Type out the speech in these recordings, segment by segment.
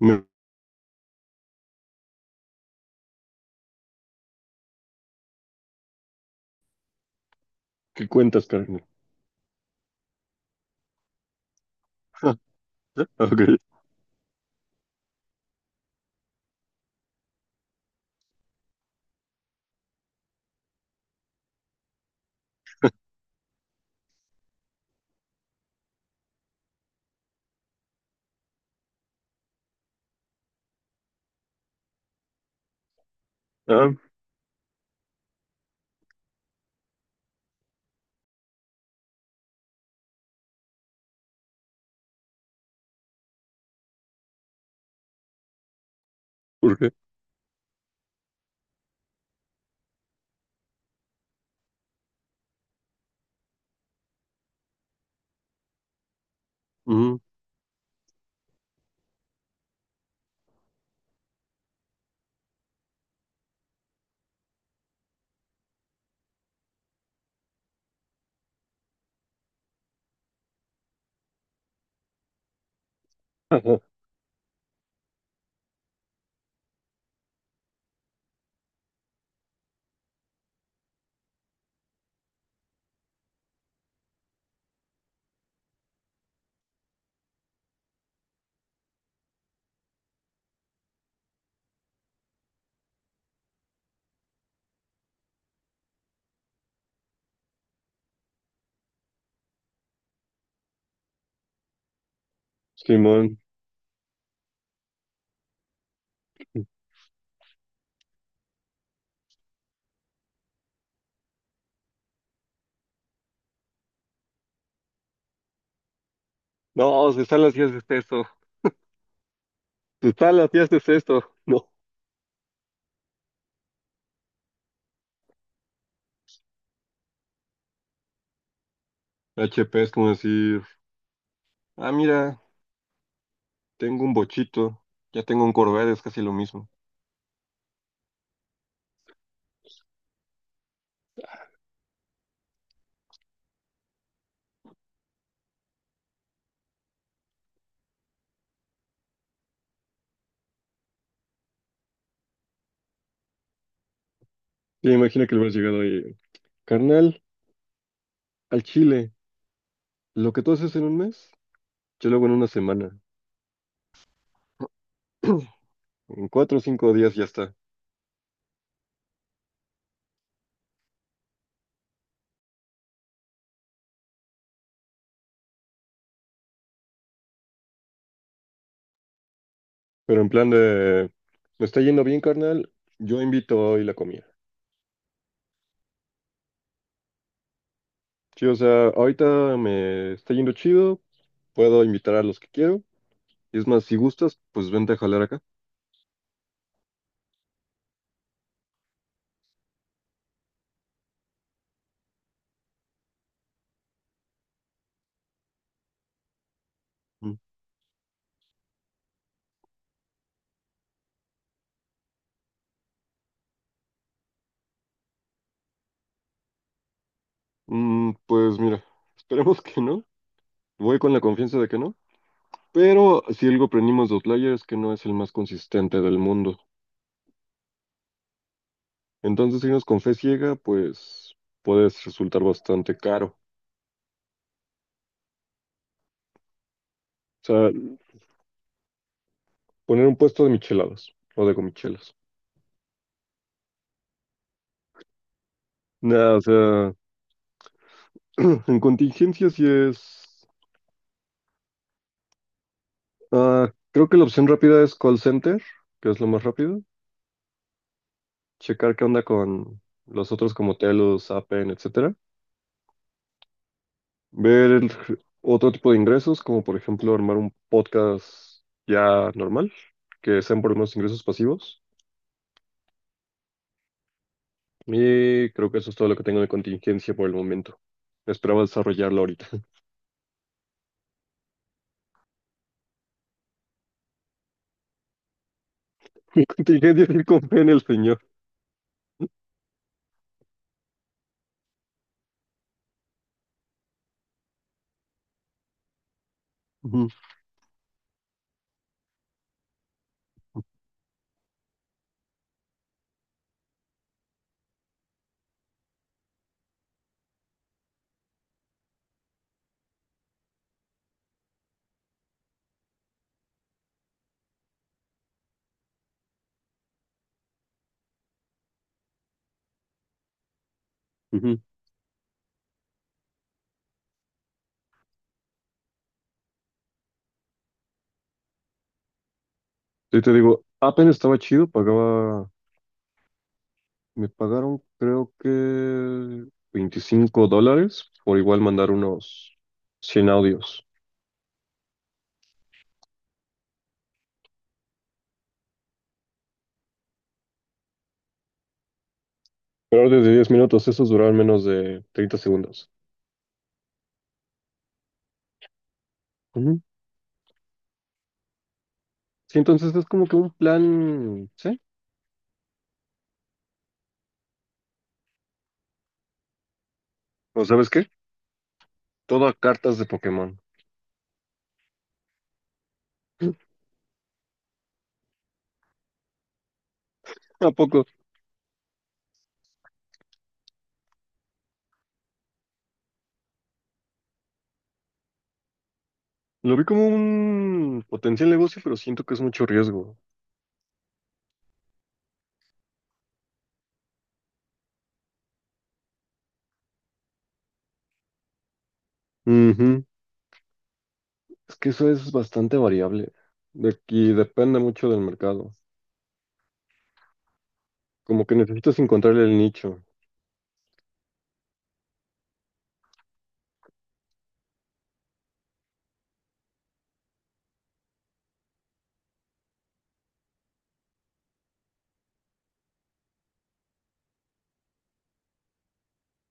No, ¿qué cuentas, carnal? Ok. Ah, ¿por qué? Ujú. Ajá. Simón. No, se está hacías de esto. Se está hacías de esto. No. HP es como decir, ah, mira, tengo un bochito, ya tengo un Corvette, es casi lo mismo. Ya imagina que le hubieras llegado ahí, carnal, al Chile, lo que tú haces en un mes, yo lo hago en una semana. En 4 o 5 días ya está. Pero en plan de, me está yendo bien, carnal, yo invito hoy la comida. Sí, o sea, ahorita me está yendo chido, puedo invitar a los que quiero. Y es más, si gustas, pues vente a jalar acá. Mm. Mm, pues mira, esperemos que no. Voy con la confianza de que no. Pero si algo aprendimos de Outlier es que no es el más consistente del mundo. Entonces, irnos con fe ciega, pues puedes resultar bastante caro. O sea, poner un puesto de micheladas o de comichelas. Nada, o sea, en contingencia sí es, ah, creo que la opción rápida es call center, que es lo más rápido. Checar qué onda con los otros como Telos, Appen, etcétera. Ver el otro tipo de ingresos, como por ejemplo armar un podcast ya normal, que sean por lo menos ingresos pasivos. Y creo que eso es todo lo que tengo de contingencia por el momento. Esperaba desarrollarlo ahorita. Mi contingencia es ir con fe en el señor. Ujú, ujú. Sí, te digo, Appen estaba chido, pagaba, me pagaron creo que $25 por igual mandar unos 100 audios. Peor de 10 minutos, esos duraron menos de 30 segundos. Ujú. Sí, entonces es como que un plan, ¿sí? ¿O sabes qué? Todo a cartas de Pokémon. ¿A poco? Lo vi como un potencial negocio, pero siento que es mucho riesgo. Ujú. Es que eso es bastante variable. De aquí depende mucho del mercado. Como que necesitas encontrarle el nicho.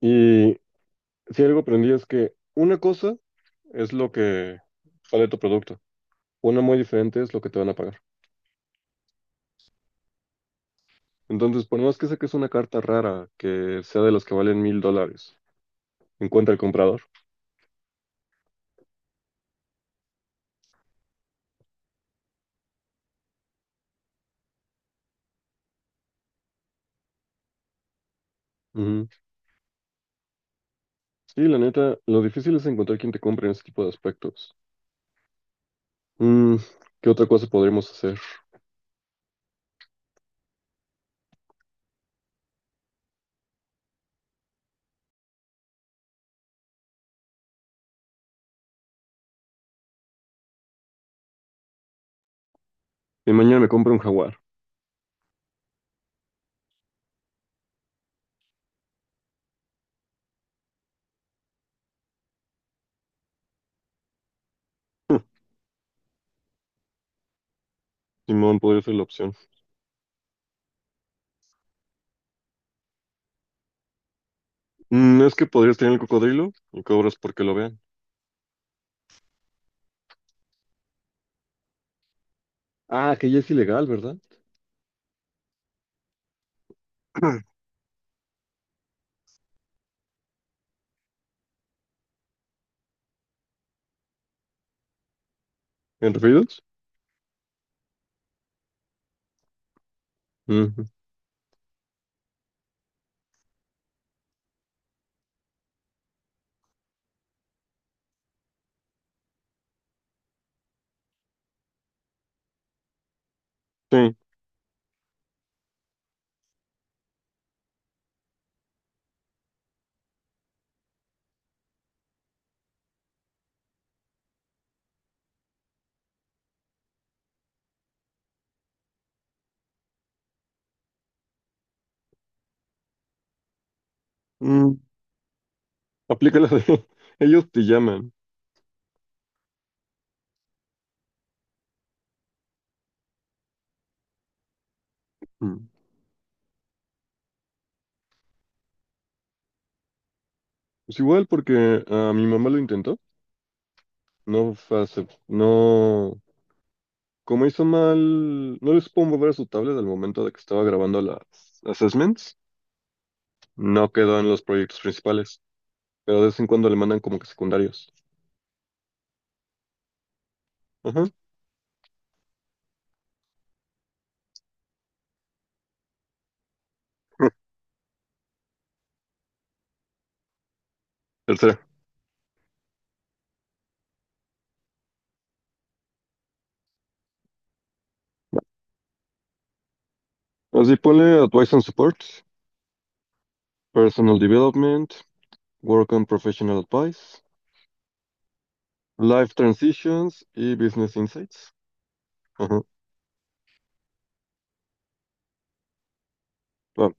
Y si algo aprendí es que una cosa es lo que vale tu producto. Una muy diferente es lo que te van a pagar. Entonces, por más que saques una carta rara que sea de las que valen $1,000, encuentra el comprador. Ujú. Sí, la neta, lo difícil es encontrar quien te compre en ese tipo de aspectos. Mm, ¿qué otra cosa podríamos hacer? Y mañana me compro un jaguar. Simón podría ser la opción. Mm, es que podrías tener el cocodrilo y cobras porque lo vean. Ah, que ya es ilegal, ¿verdad? ¿En referidos? Ujú. Sí. Mm, aplica la de ellos te llaman. Mm. Pues igual porque a mi mamá lo intentó. No como hizo mal, no les pudo mover a su tablet al momento de que estaba grabando las assessments, no quedó en los proyectos principales, pero de vez en cuando le mandan como que secundarios. Ajá. Tercera. Así ponle Advice and Support, Personal Development, Work and Professional Advice, Life Transitions y Business Insights. Ajá. Va.